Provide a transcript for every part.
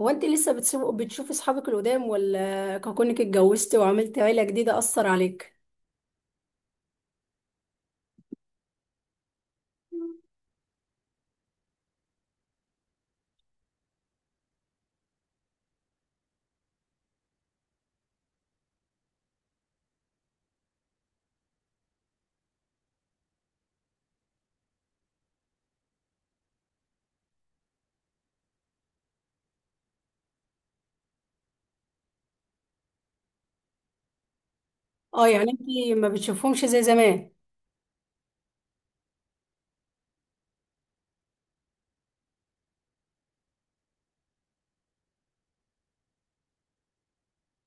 هو انت لسه بتشوفي اصحابك القدام ولا كونك اتجوزتي وعملتي عيلة جديدة اثر عليك؟ اه، يعني انت ما بتشوفهمش زي زمان.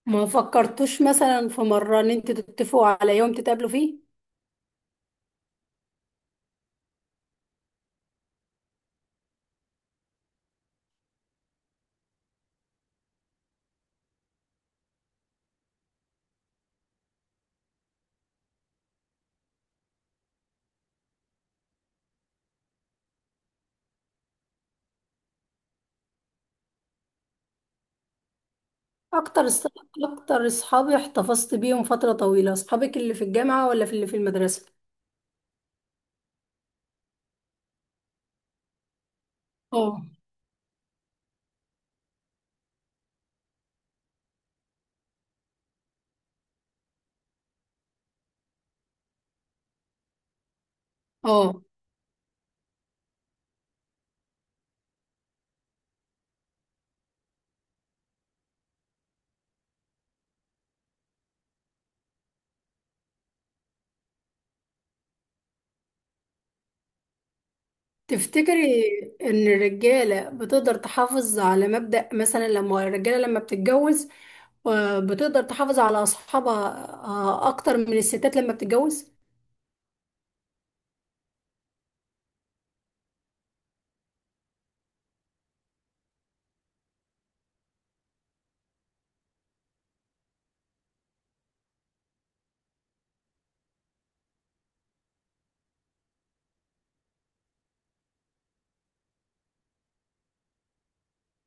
ما فكرتوش مثلا في مرة ان انت تتفقوا على يوم تتقابلوا فيه؟ اكتر اص- اكتر اصحابي احتفظت بيهم فترة طويلة، اصحابك اللي في الجامعة ولا في اللي في المدرسة؟ اه، اه. تفتكري ان الرجالة بتقدر تحافظ على مبدأ، مثلا لما الرجالة لما بتتجوز بتقدر تحافظ على اصحابها اكتر من الستات لما بتتجوز؟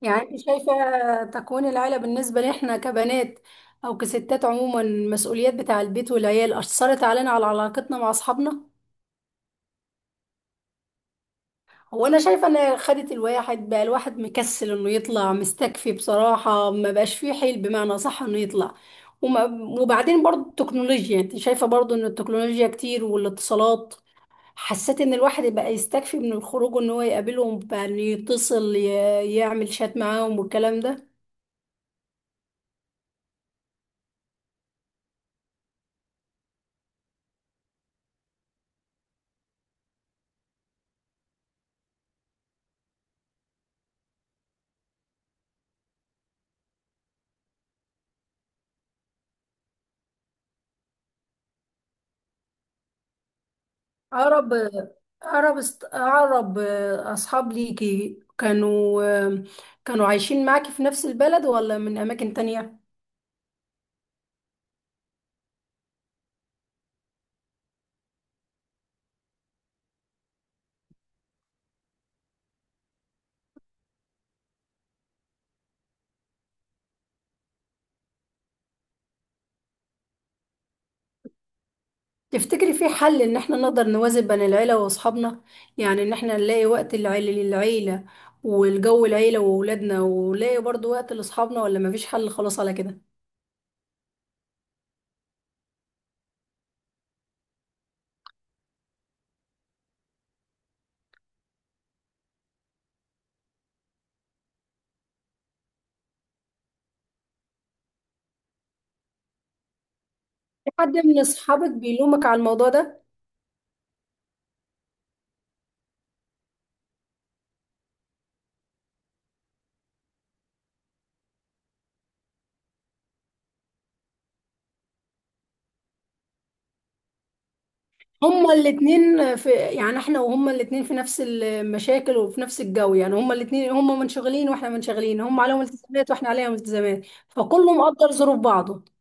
يعني انت شايفة تكوين العيلة بالنسبة لإحنا كبنات او كستات عموما، المسؤوليات بتاع البيت والعيال اثرت علينا على علاقتنا مع اصحابنا؟ هو انا شايفه ان خدت الواحد بقى، الواحد مكسل انه يطلع، مستكفي بصراحه، ما بقاش فيه حيل بمعنى صح انه يطلع. وما وبعدين برضو التكنولوجيا، انت شايفه برضو ان التكنولوجيا كتير والاتصالات، حسيت ان الواحد بقى يستكفي من الخروج، ان هو يقابلهم بقى انه يتصل، يعمل شات معاهم والكلام ده. اقرب اقرب اصحاب ليكي كانوا عايشين معاكي في نفس البلد ولا من اماكن تانية؟ تفتكري في حل ان احنا نقدر نوازن بين العيلة واصحابنا؟ يعني ان احنا نلاقي وقت العيلة للعيلة والجو العيلة وولادنا، ونلاقي برضو وقت لاصحابنا، ولا مفيش حل خلاص على كده؟ في حد من اصحابك بيلومك على الموضوع ده؟ هما الاتنين، في يعني احنا وهما الاتنين في نفس المشاكل وفي نفس الجو، يعني هما الاتنين، هما منشغلين واحنا منشغلين، هما عليهم التزامات واحنا عليهم التزامات، فكله مقدر ظروف بعضه.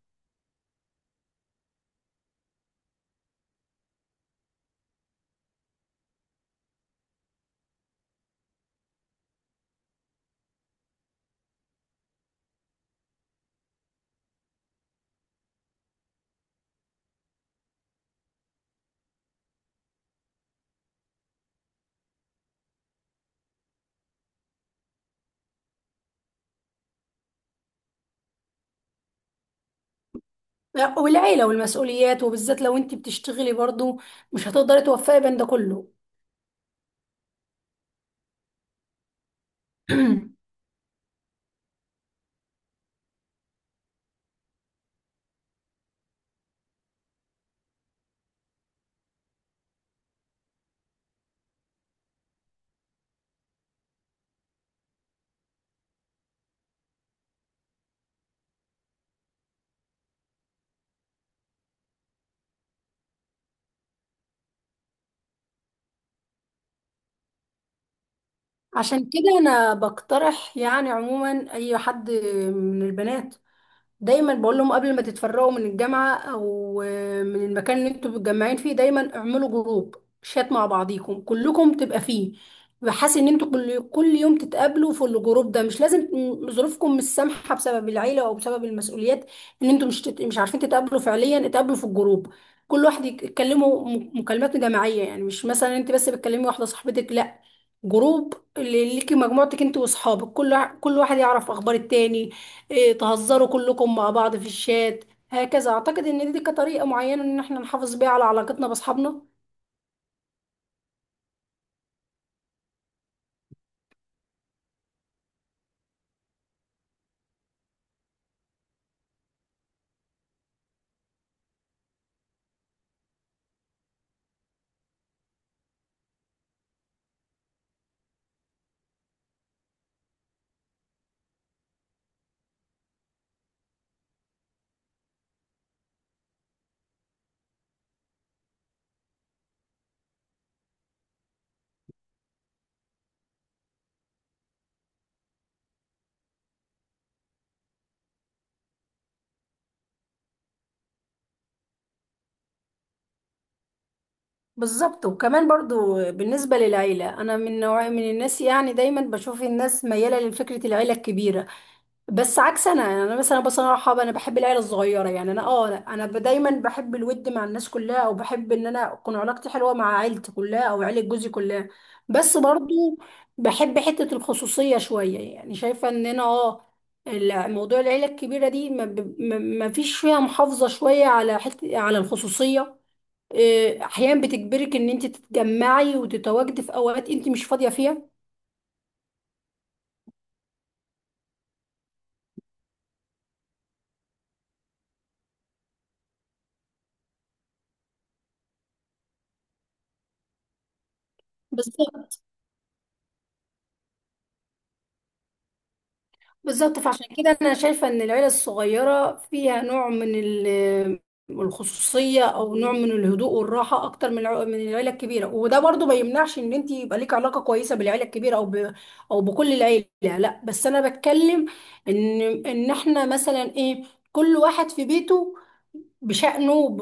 والعيلة والمسؤوليات، وبالذات لو انت بتشتغلي برضو، مش هتقدري توفقي بين ده كله. عشان كده انا بقترح يعني عموما، اي حد من البنات دايما بقول لهم قبل ما تتفرقوا من الجامعة او من المكان اللي انتوا متجمعين فيه، دايما اعملوا جروب شات مع بعضيكم كلكم تبقى فيه، بحيث ان انتوا كل يوم تتقابلوا في الجروب ده. مش لازم، ظروفكم مش سامحة بسبب العيلة او بسبب المسؤوليات، ان انتوا مش عارفين تتقابلوا فعليا، اتقابلوا في الجروب. كل واحد يتكلموا مكالمات جماعية، يعني مش مثلا انت بس بتكلمي واحدة صاحبتك، لا، جروب اللي ليكي مجموعتك انت واصحابك، كل واحد يعرف اخبار التاني، إيه، تهزروا كلكم مع بعض في الشات. هكذا اعتقد ان دي كطريقه معينه ان احنا نحافظ بيها على علاقتنا باصحابنا. بالظبط. وكمان برضو بالنسبه للعيله، انا من نوع من الناس يعني دايما بشوف الناس مياله لفكره العيله الكبيره، بس عكس انا. يعني انا مثلا بصراحه انا بحب العيله الصغيره. يعني انا، لا، انا دايما بحب الود مع الناس كلها، او بحب ان انا اكون علاقتي حلوه مع عيلتي كلها او عيله جوزي كلها. بس برضو بحب حته الخصوصيه شويه، يعني شايفه ان انا، موضوع العيله الكبيره دي، ما فيش فيها محافظه شويه على حته على الخصوصيه. إيه، احيانا بتجبرك ان انت تتجمعي وتتواجدي في اوقات انت مش فاضيه فيها. بالظبط. بالظبط. فعشان كده انا شايفه ان العيله الصغيره فيها نوع من الخصوصيه، او نوع من الهدوء والراحه اكتر من من العيله الكبيره. وده برضو ما يمنعش ان انت يبقى ليك علاقه كويسه بالعيله الكبيره، او بكل العيله. لا، بس انا بتكلم ان ان احنا مثلا ايه، كل واحد في بيته بشأنه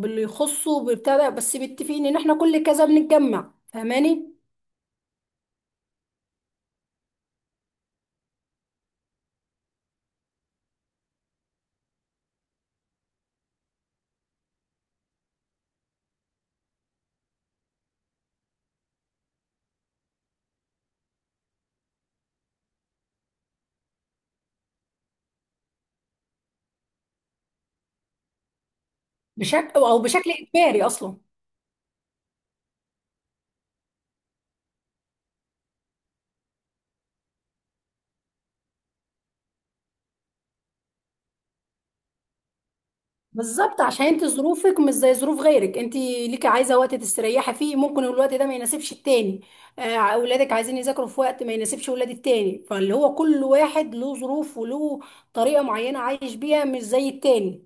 باللي يخصه بتاع ده، بس متفقين ان احنا كل كذا بنتجمع، فاهماني؟ بشكل اجباري اصلا. بالظبط، عشان انت ظروفك مش زي ظروف غيرك، انت ليكي عايزه وقت تستريحي فيه، ممكن الوقت ده ما يناسبش التاني. اولادك عايزين يذاكروا في وقت ما يناسبش ولاد التاني، فاللي هو كل واحد له ظروف وله طريقه معينه عايش بيها مش زي التاني.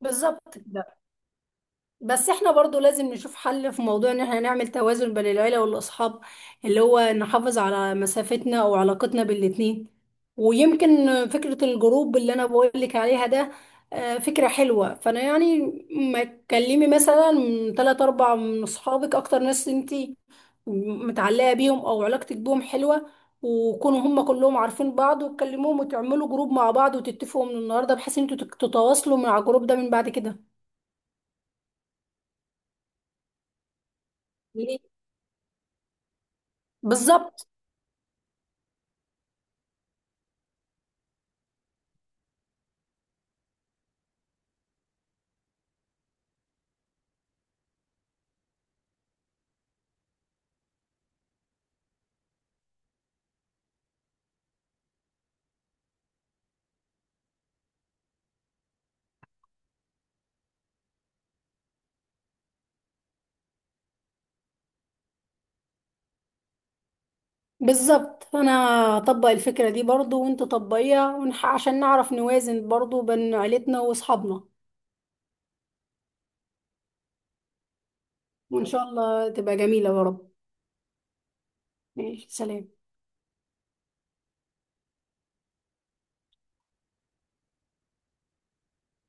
بالظبط. بس احنا برضو لازم نشوف حل في موضوع ان احنا نعمل توازن بين العيلة والاصحاب، اللي هو نحافظ على مسافتنا او علاقتنا بالاتنين. ويمكن فكرة الجروب اللي انا بقولك عليها ده فكرة حلوة. فانا يعني ما تكلمي مثلا تلات اربع من اصحابك اكتر ناس انتي متعلقة بيهم او علاقتك بيهم حلوة، وكونوا هم كلهم عارفين بعض، وتكلموهم وتعملوا جروب مع بعض، وتتفقوا من النهارده بحيث ان انتوا تتواصلوا مع الجروب ده من بعد كده. ليه؟ بالظبط. بالظبط. فانا اطبق الفكرة دي برضو وانت طبقيها، عشان نعرف نوازن برضو بين عيلتنا واصحابنا. وان شاء الله تبقى جميلة يا رب. ماشي، سلام.